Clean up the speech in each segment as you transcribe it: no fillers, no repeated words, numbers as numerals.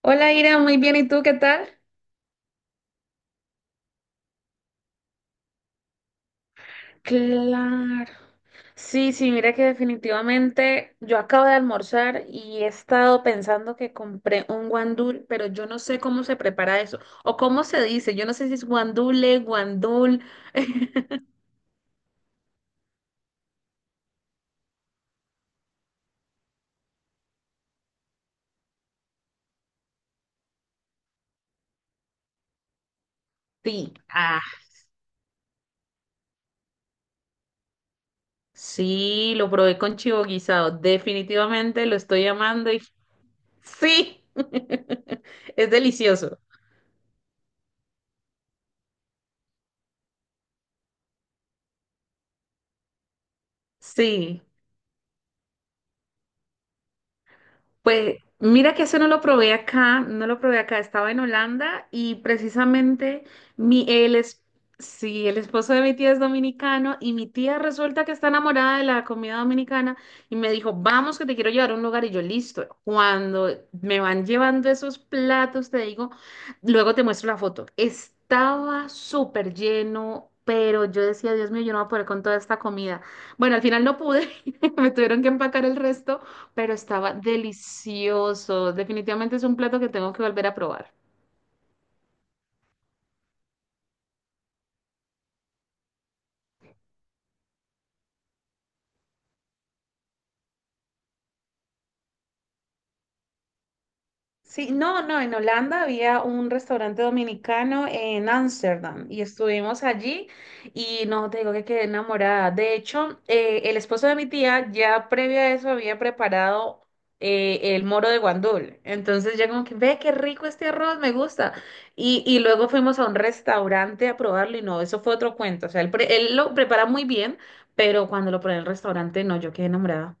Hola Ira, muy bien, ¿y tú qué tal? Claro. Sí, sí, mira que definitivamente yo acabo de almorzar y he estado pensando que compré un guandul, pero yo no sé cómo se prepara eso o cómo se dice, yo no sé si es guandule, guandul. Sí, ah, sí, lo probé con chivo guisado, definitivamente lo estoy amando y sí, es delicioso. Sí. Pues mira que eso no lo probé acá, no lo probé acá, estaba en Holanda y precisamente mi, él es, sí, el esposo de mi tía es dominicano y mi tía resulta que está enamorada de la comida dominicana y me dijo, vamos que te quiero llevar a un lugar y yo listo. Cuando me van llevando esos platos, te digo, luego te muestro la foto. Estaba súper lleno. Pero yo decía, Dios mío, yo no voy a poder con toda esta comida. Bueno, al final no pude, me tuvieron que empacar el resto, pero estaba delicioso. Definitivamente es un plato que tengo que volver a probar. Sí, no, no, en Holanda había un restaurante dominicano en Ámsterdam y estuvimos allí y no te digo que quedé enamorada. De hecho, el esposo de mi tía ya previo a eso había preparado el moro de guandul. Entonces ya como que, ve qué rico este arroz, me gusta. Y luego fuimos a un restaurante a probarlo y no, eso fue otro cuento. O sea, él, él lo prepara muy bien, pero cuando lo probé en el restaurante, no, yo quedé enamorada.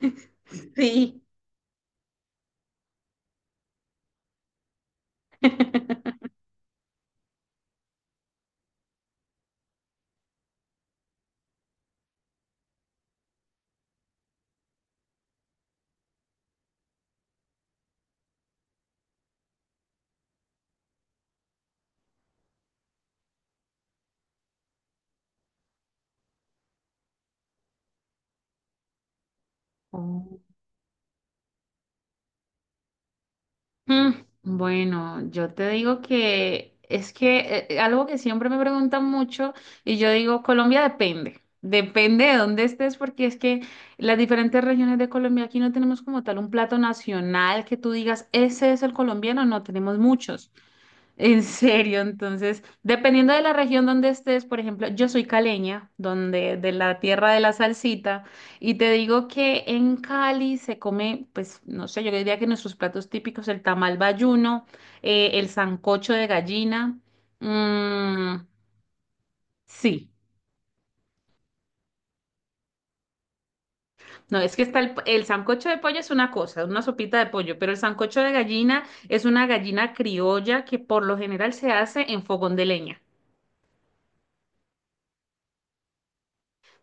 Sí. Oh. Mm, Bueno, yo te digo que es que algo que siempre me preguntan mucho y yo digo, Colombia depende, depende de dónde estés porque es que las diferentes regiones de Colombia aquí no tenemos como tal un plato nacional que tú digas, ese es el colombiano, no tenemos muchos. En serio, entonces, dependiendo de la región donde estés, por ejemplo, yo soy caleña, donde de la tierra de la salsita, y te digo que en Cali se come, pues, no sé, yo diría que nuestros platos típicos, el tamal bayuno, el sancocho de gallina, mm, sí, no, es que está el sancocho de pollo es una cosa, una sopita de pollo, pero el sancocho de gallina es una gallina criolla que por lo general se hace en fogón de leña.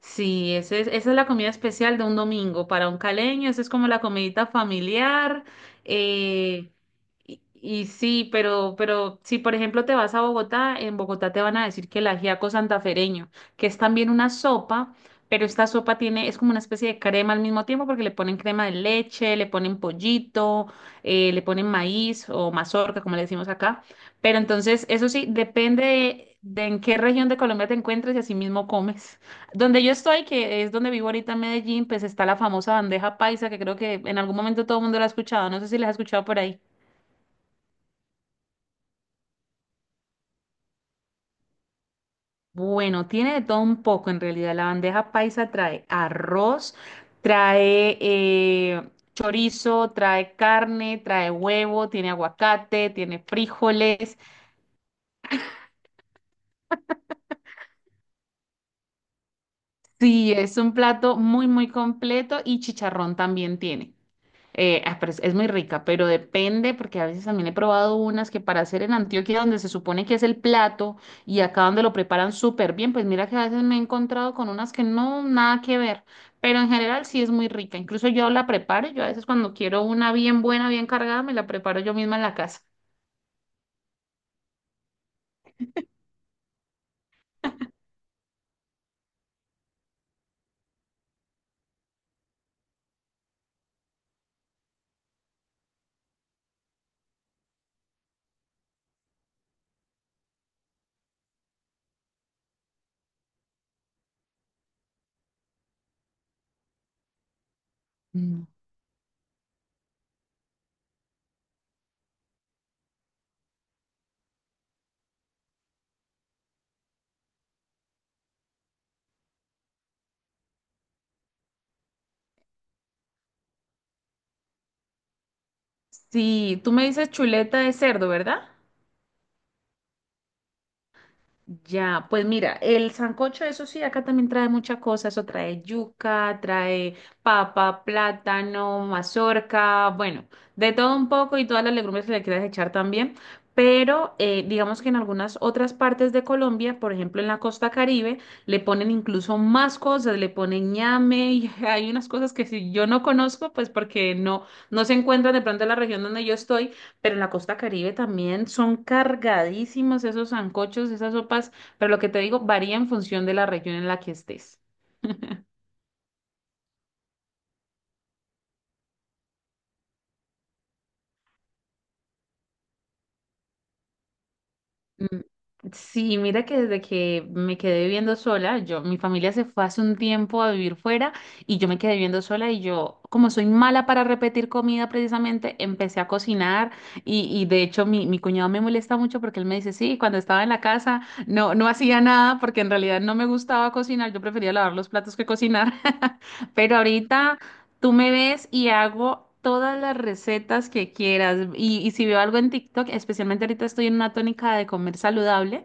Sí, ese es- esa es la comida especial de un domingo. Para un caleño, esa es como la comidita familiar. eh, y sí, pero si por ejemplo te vas a Bogotá, en Bogotá te van a decir que el ajiaco santafereño, que es también una sopa, pero esta sopa tiene, es como una especie de crema al mismo tiempo, porque le ponen crema de leche, le ponen pollito, le ponen maíz o mazorca, como le decimos acá. Pero entonces, eso sí, depende de en qué región de Colombia te encuentres y así mismo comes. Donde yo estoy, que es donde vivo ahorita en Medellín, pues está la famosa bandeja paisa, que creo que en algún momento todo el mundo la ha escuchado. No sé si la has escuchado por ahí. Bueno, tiene de todo un poco en realidad. La bandeja paisa trae arroz, trae chorizo, trae carne, trae huevo, tiene aguacate, tiene frijoles. Sí, es un plato muy, muy completo y chicharrón también tiene. Pero es muy rica, pero depende, porque a veces también he probado unas que para hacer en Antioquia, donde se supone que es el plato, y acá donde lo preparan súper bien, pues mira que a veces me he encontrado con unas que no, nada que ver, pero en general sí es muy rica. Incluso yo la preparo, yo a veces cuando quiero una bien buena, bien cargada, me la preparo yo misma en la casa. Mm. Sí, tú me dices chuleta de cerdo, ¿verdad? Ya, pues mira, el sancocho, eso sí, acá también trae muchas cosas, eso trae yuca, trae papa, plátano, mazorca, bueno, de todo un poco y todas las legumbres que le quieras echar también, pero digamos que en algunas otras partes de Colombia, por ejemplo en la costa Caribe, le ponen incluso más cosas, le ponen ñame y hay unas cosas que si yo no conozco, pues porque no, no se encuentran de pronto en la región donde yo estoy, pero en la costa Caribe también son cargadísimos esos sancochos, esas sopas, pero lo que te digo varía en función de la región en la que estés. Mm, Sí, mira que desde que me quedé viviendo sola, yo, mi familia se fue hace un tiempo a vivir fuera y yo me quedé viviendo sola y yo, como soy mala para repetir comida precisamente, empecé a cocinar y de hecho mi cuñado me molesta mucho porque él me dice, sí, cuando estaba en la casa no, no hacía nada porque en realidad no me gustaba cocinar, yo prefería lavar los platos que cocinar, pero ahorita... Tú me ves y hago todas las recetas que quieras. Y si veo algo en TikTok, especialmente ahorita estoy en una tónica de comer saludable,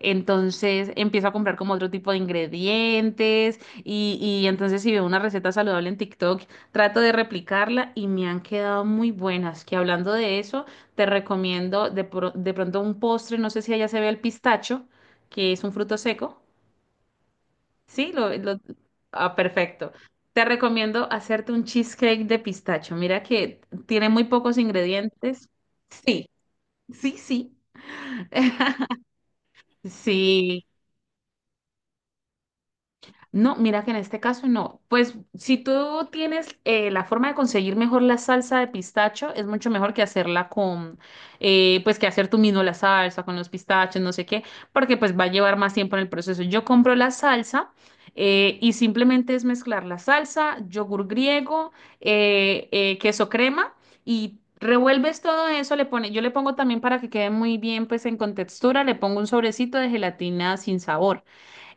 entonces empiezo a comprar como otro tipo de ingredientes y entonces si veo una receta saludable en TikTok, trato de replicarla y me han quedado muy buenas. Que hablando de eso, te recomiendo de pronto un postre, no sé si allá se ve el pistacho, que es un fruto seco. Sí, lo. Ah, perfecto. Te recomiendo hacerte un cheesecake de pistacho. Mira que tiene muy pocos ingredientes. Sí, sí, sí. Sí. No, mira que en este caso no. Pues si tú tienes la forma de conseguir mejor la salsa de pistacho, es mucho mejor que hacerla con, pues que hacer tú mismo la salsa con los pistachos, no sé qué, porque pues va a llevar más tiempo en el proceso. Yo compro la salsa y simplemente es mezclar la salsa, yogur griego, queso crema y revuelves todo eso. Le pone, yo le pongo también para que quede muy bien, pues en contextura, le pongo un sobrecito de gelatina sin sabor.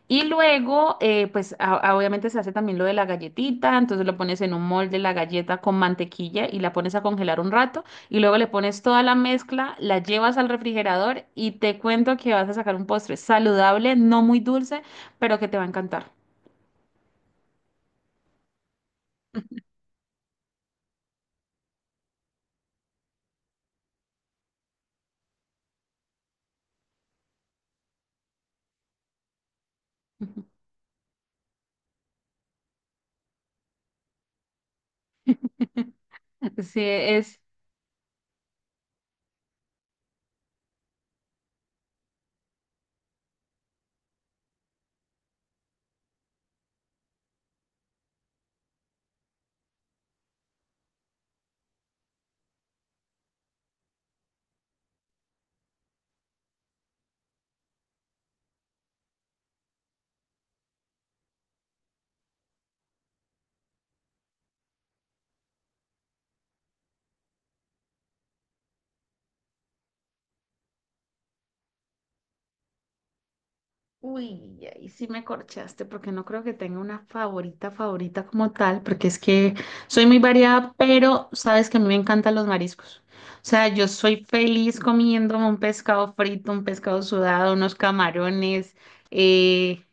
Y luego, pues obviamente se hace también lo de la galletita, entonces lo pones en un molde la galleta con mantequilla y la pones a congelar un rato y luego le pones toda la mezcla, la llevas al refrigerador y te cuento que vas a sacar un postre saludable, no muy dulce, pero que te va a encantar. Sí, es, uy, ahí sí me corchaste porque no creo que tenga una favorita favorita como tal, porque es que soy muy variada, pero sabes que a mí me encantan los mariscos. O sea, yo soy feliz comiéndome un pescado frito, un pescado sudado, unos camarones, eh,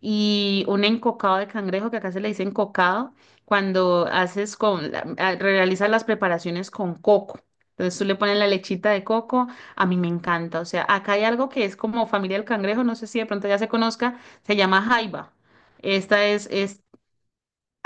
y un encocado de cangrejo, que acá se le dice encocado, cuando haces con, realizas las preparaciones con coco. Entonces tú le pones la lechita de coco, a mí me encanta. O sea, acá hay algo que es como familia del cangrejo, no sé si de pronto ya se conozca, se llama jaiba. Esta es.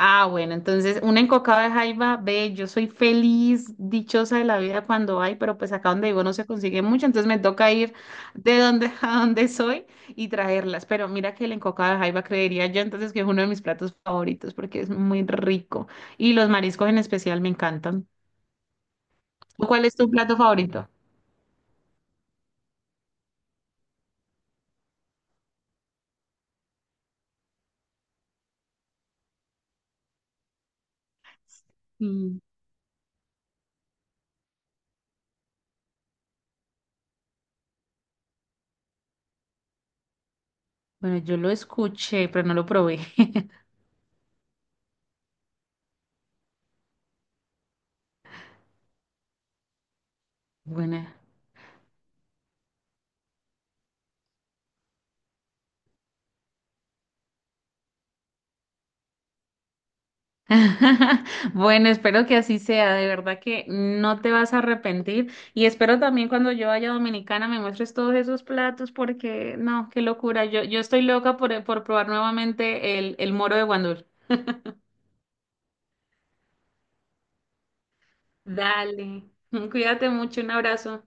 Ah, bueno, entonces una encocada de jaiba, ve, yo soy feliz, dichosa de la vida cuando hay, pero pues acá donde vivo no se consigue mucho, entonces me toca ir de donde a donde soy y traerlas. Pero mira que el encocado de jaiba creería yo entonces que es uno de mis platos favoritos porque es muy rico y los mariscos en especial me encantan. ¿Tú? ¿Cuál es tu plato favorito? Mm, bueno, yo lo escuché, pero no lo probé. Bueno, bueno, espero que así sea, de verdad que no te vas a arrepentir y espero también cuando yo vaya a Dominicana me muestres todos esos platos porque no, qué locura, yo estoy loca por probar nuevamente el moro de Guandul. Dale, cuídate mucho, un abrazo.